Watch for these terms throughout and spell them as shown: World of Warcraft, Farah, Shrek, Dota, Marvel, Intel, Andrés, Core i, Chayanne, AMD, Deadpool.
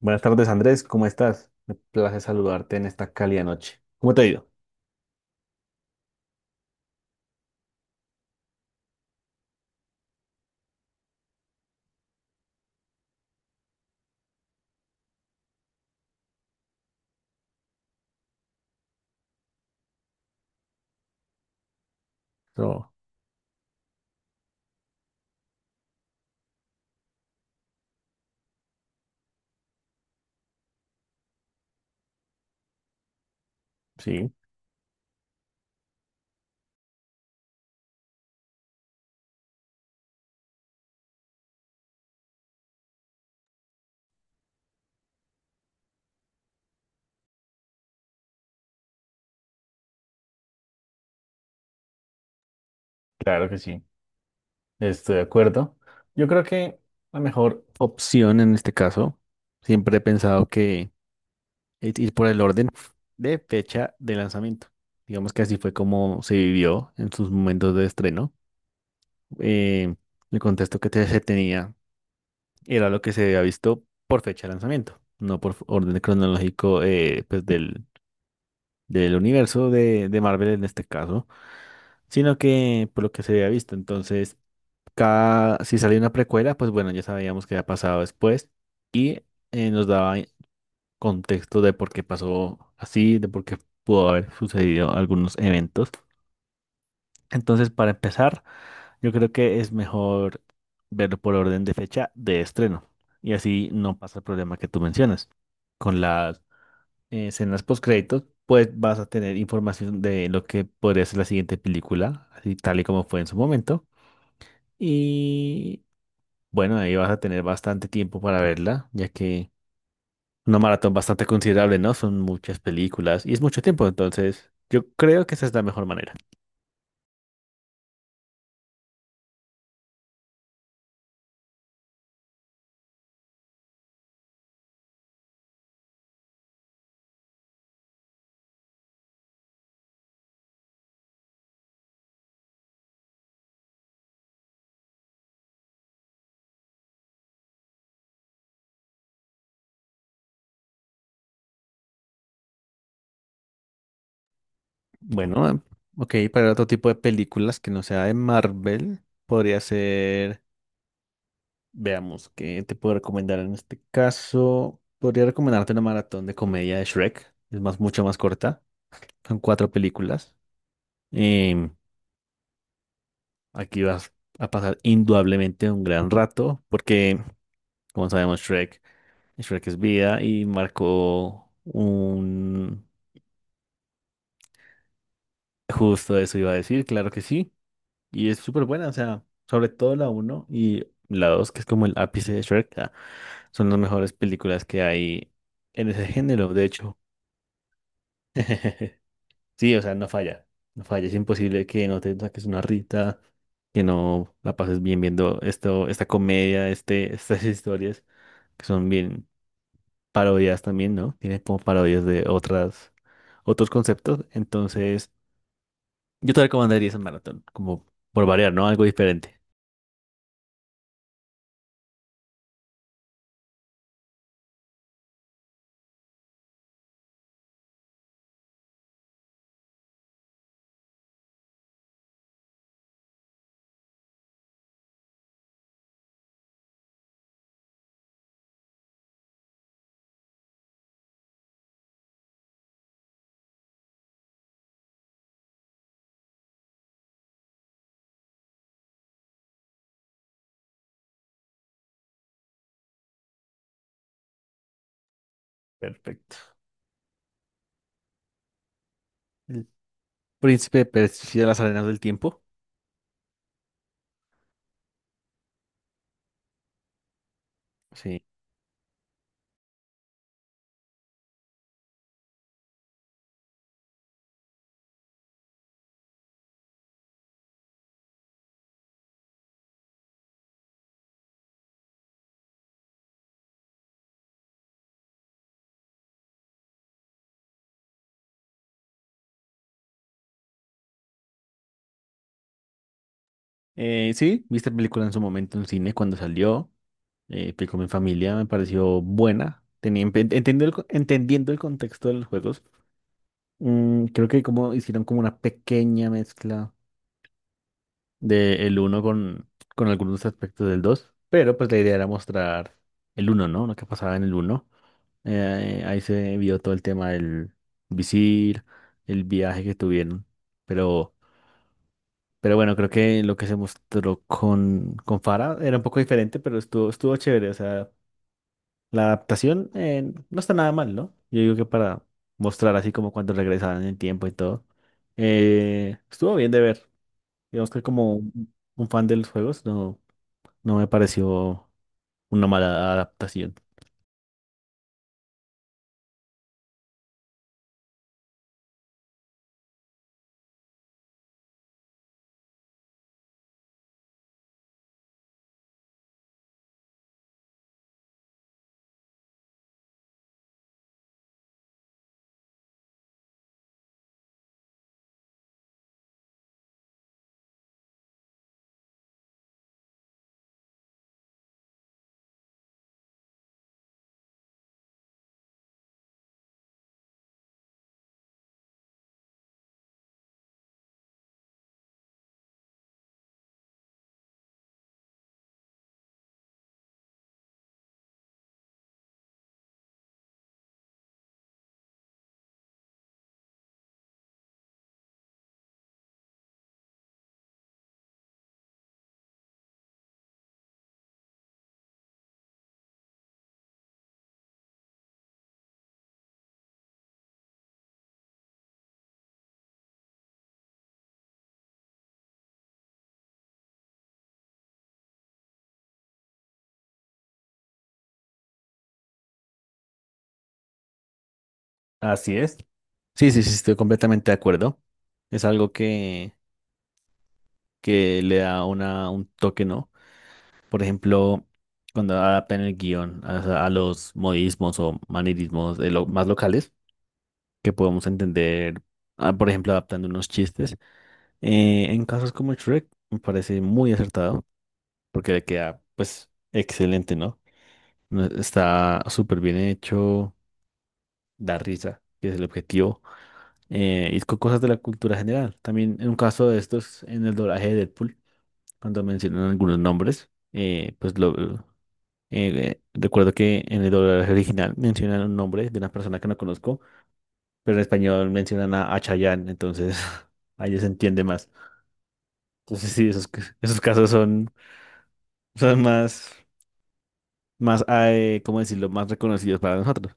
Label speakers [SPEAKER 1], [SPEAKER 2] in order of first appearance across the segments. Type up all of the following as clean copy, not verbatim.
[SPEAKER 1] Buenas tardes, Andrés. ¿Cómo estás? Me place saludarte en esta cálida noche. ¿Cómo te ha ido? No, sí, claro que sí, estoy de acuerdo. Yo creo que la mejor opción en este caso, siempre he pensado que es ir por el orden de fecha de lanzamiento. Digamos que así fue como se vivió en sus momentos de estreno. Eh, el contexto que se tenía era lo que se había visto por fecha de lanzamiento, no por orden cronológico pues, del universo de Marvel en este caso, sino que por lo que se había visto. Entonces, cada, si salía una precuela, pues bueno, ya sabíamos qué había pasado después. Nos daba contexto de por qué pasó así, de por qué pudo haber sucedido algunos eventos. Entonces, para empezar, yo creo que es mejor verlo por orden de fecha de estreno. Y así no pasa el problema que tú mencionas con las escenas postcréditos, pues vas a tener información de lo que podría ser la siguiente película, así tal y como fue en su momento. Y bueno, ahí vas a tener bastante tiempo para verla, ya que una maratón bastante considerable, ¿no? Son muchas películas y es mucho tiempo, entonces yo creo que esa es la mejor manera. Bueno, ok, para otro tipo de películas que no sea de Marvel, podría ser... Veamos, ¿qué te puedo recomendar en este caso? Podría recomendarte una maratón de comedia de Shrek. Es más, mucho más corta. Son cuatro películas. Em, Aquí vas a pasar indudablemente un gran rato porque, como sabemos, Shrek es vida y marcó un... Justo eso iba a decir, claro que sí. Y es súper buena, o sea, sobre todo la uno y la dos, que es como el ápice de Shrek, son las mejores películas que hay en ese género. De hecho, sí, o sea, no falla. No falla. Es imposible que no te saques una rita, que no la pases bien viendo esto, esta comedia, estas historias, que son bien parodias también, ¿no? Tienen como parodias de otros conceptos. Entonces, yo te recomendaría esa maratón, como por variar, ¿no? Algo diferente. Perfecto. El príncipe persigue las arenas del tiempo. Sí. Sí, vi esta película en su momento en cine cuando salió. Pico mi familia me pareció buena, tenía, entendiendo entendiendo el contexto de los juegos. Creo que como hicieron como una pequeña mezcla del uno con, con algunos aspectos del 2, pero pues la idea era mostrar el uno, ¿no? Lo que pasaba en el uno. Ahí se vio todo el tema del visir, el viaje que tuvieron. Pero, pero bueno, creo que lo que se mostró con Farah era un poco diferente, pero estuvo chévere. O sea, la adaptación no está nada mal, ¿no? Yo digo que para mostrar así como cuando regresaban en el tiempo y todo. Estuvo bien de ver. Digamos que como un fan de los juegos no, no me pareció una mala adaptación. Así es. Sí, sí, sí, estoy completamente de acuerdo. Es algo que le da una, un toque, ¿no? Por ejemplo, cuando adaptan el guión a los modismos o manierismos más locales que podamos entender, ah, por ejemplo, adaptando unos chistes. En casos como Shrek, me parece muy acertado, porque le queda, pues, excelente, ¿no? No- Está súper bien hecho, da risa, que es el objetivo, y con cosas de la cultura general. También en un caso de estos, en el doblaje de Deadpool, cuando mencionan algunos nombres, pues lo... recuerdo que en el doblaje original mencionan un nombre de una persona que no conozco, pero en español mencionan a Chayanne, entonces ahí se entiende más. Entonces sí, esos casos son más ¿cómo decirlo?, más reconocidos para nosotros.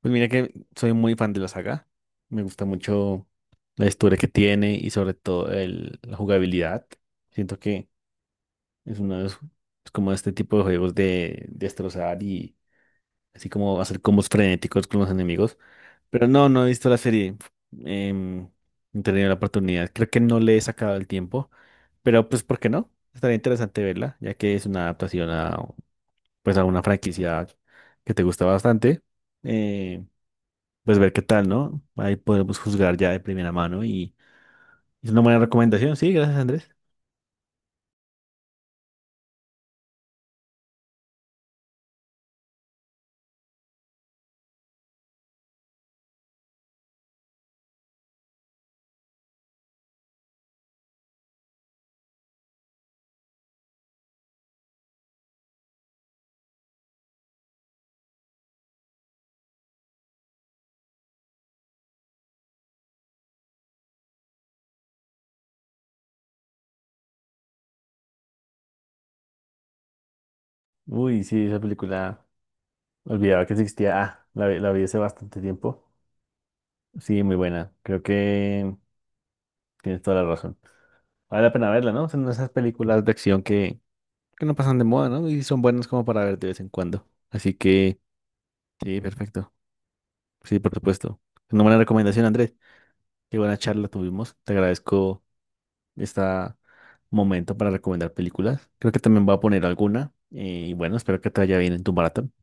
[SPEAKER 1] Pues mira que soy muy fan de la saga, me gusta mucho la historia que tiene y sobre todo la jugabilidad. Siento que es uno de es como este tipo de juegos de destrozar y así como hacer combos frenéticos con los enemigos. Pero no, no he visto la serie. Em, no he tenido la oportunidad. Creo que no le he sacado el tiempo. Pero pues, ¿por qué no? Estaría interesante verla, ya que es una adaptación pues, a una franquicia que te gusta bastante. Eh, pues ver qué tal, ¿no? Ahí podemos juzgar ya de primera mano y es una buena recomendación. Sí, gracias, Andrés. Uy, sí, esa película. Olvidaba que existía. La vi hace bastante tiempo. Sí, muy buena. Creo que tienes toda la razón. Vale la pena verla, ¿no? Son esas películas de acción que no pasan de moda, ¿no? Y son buenas como para ver de vez en cuando. Así que, sí, perfecto. Sí, por supuesto. Una buena recomendación, Andrés. Qué buena charla tuvimos. Te agradezco este momento para recomendar películas. Creo que también voy a poner alguna. Y bueno, espero que te vaya bien en tu maratón.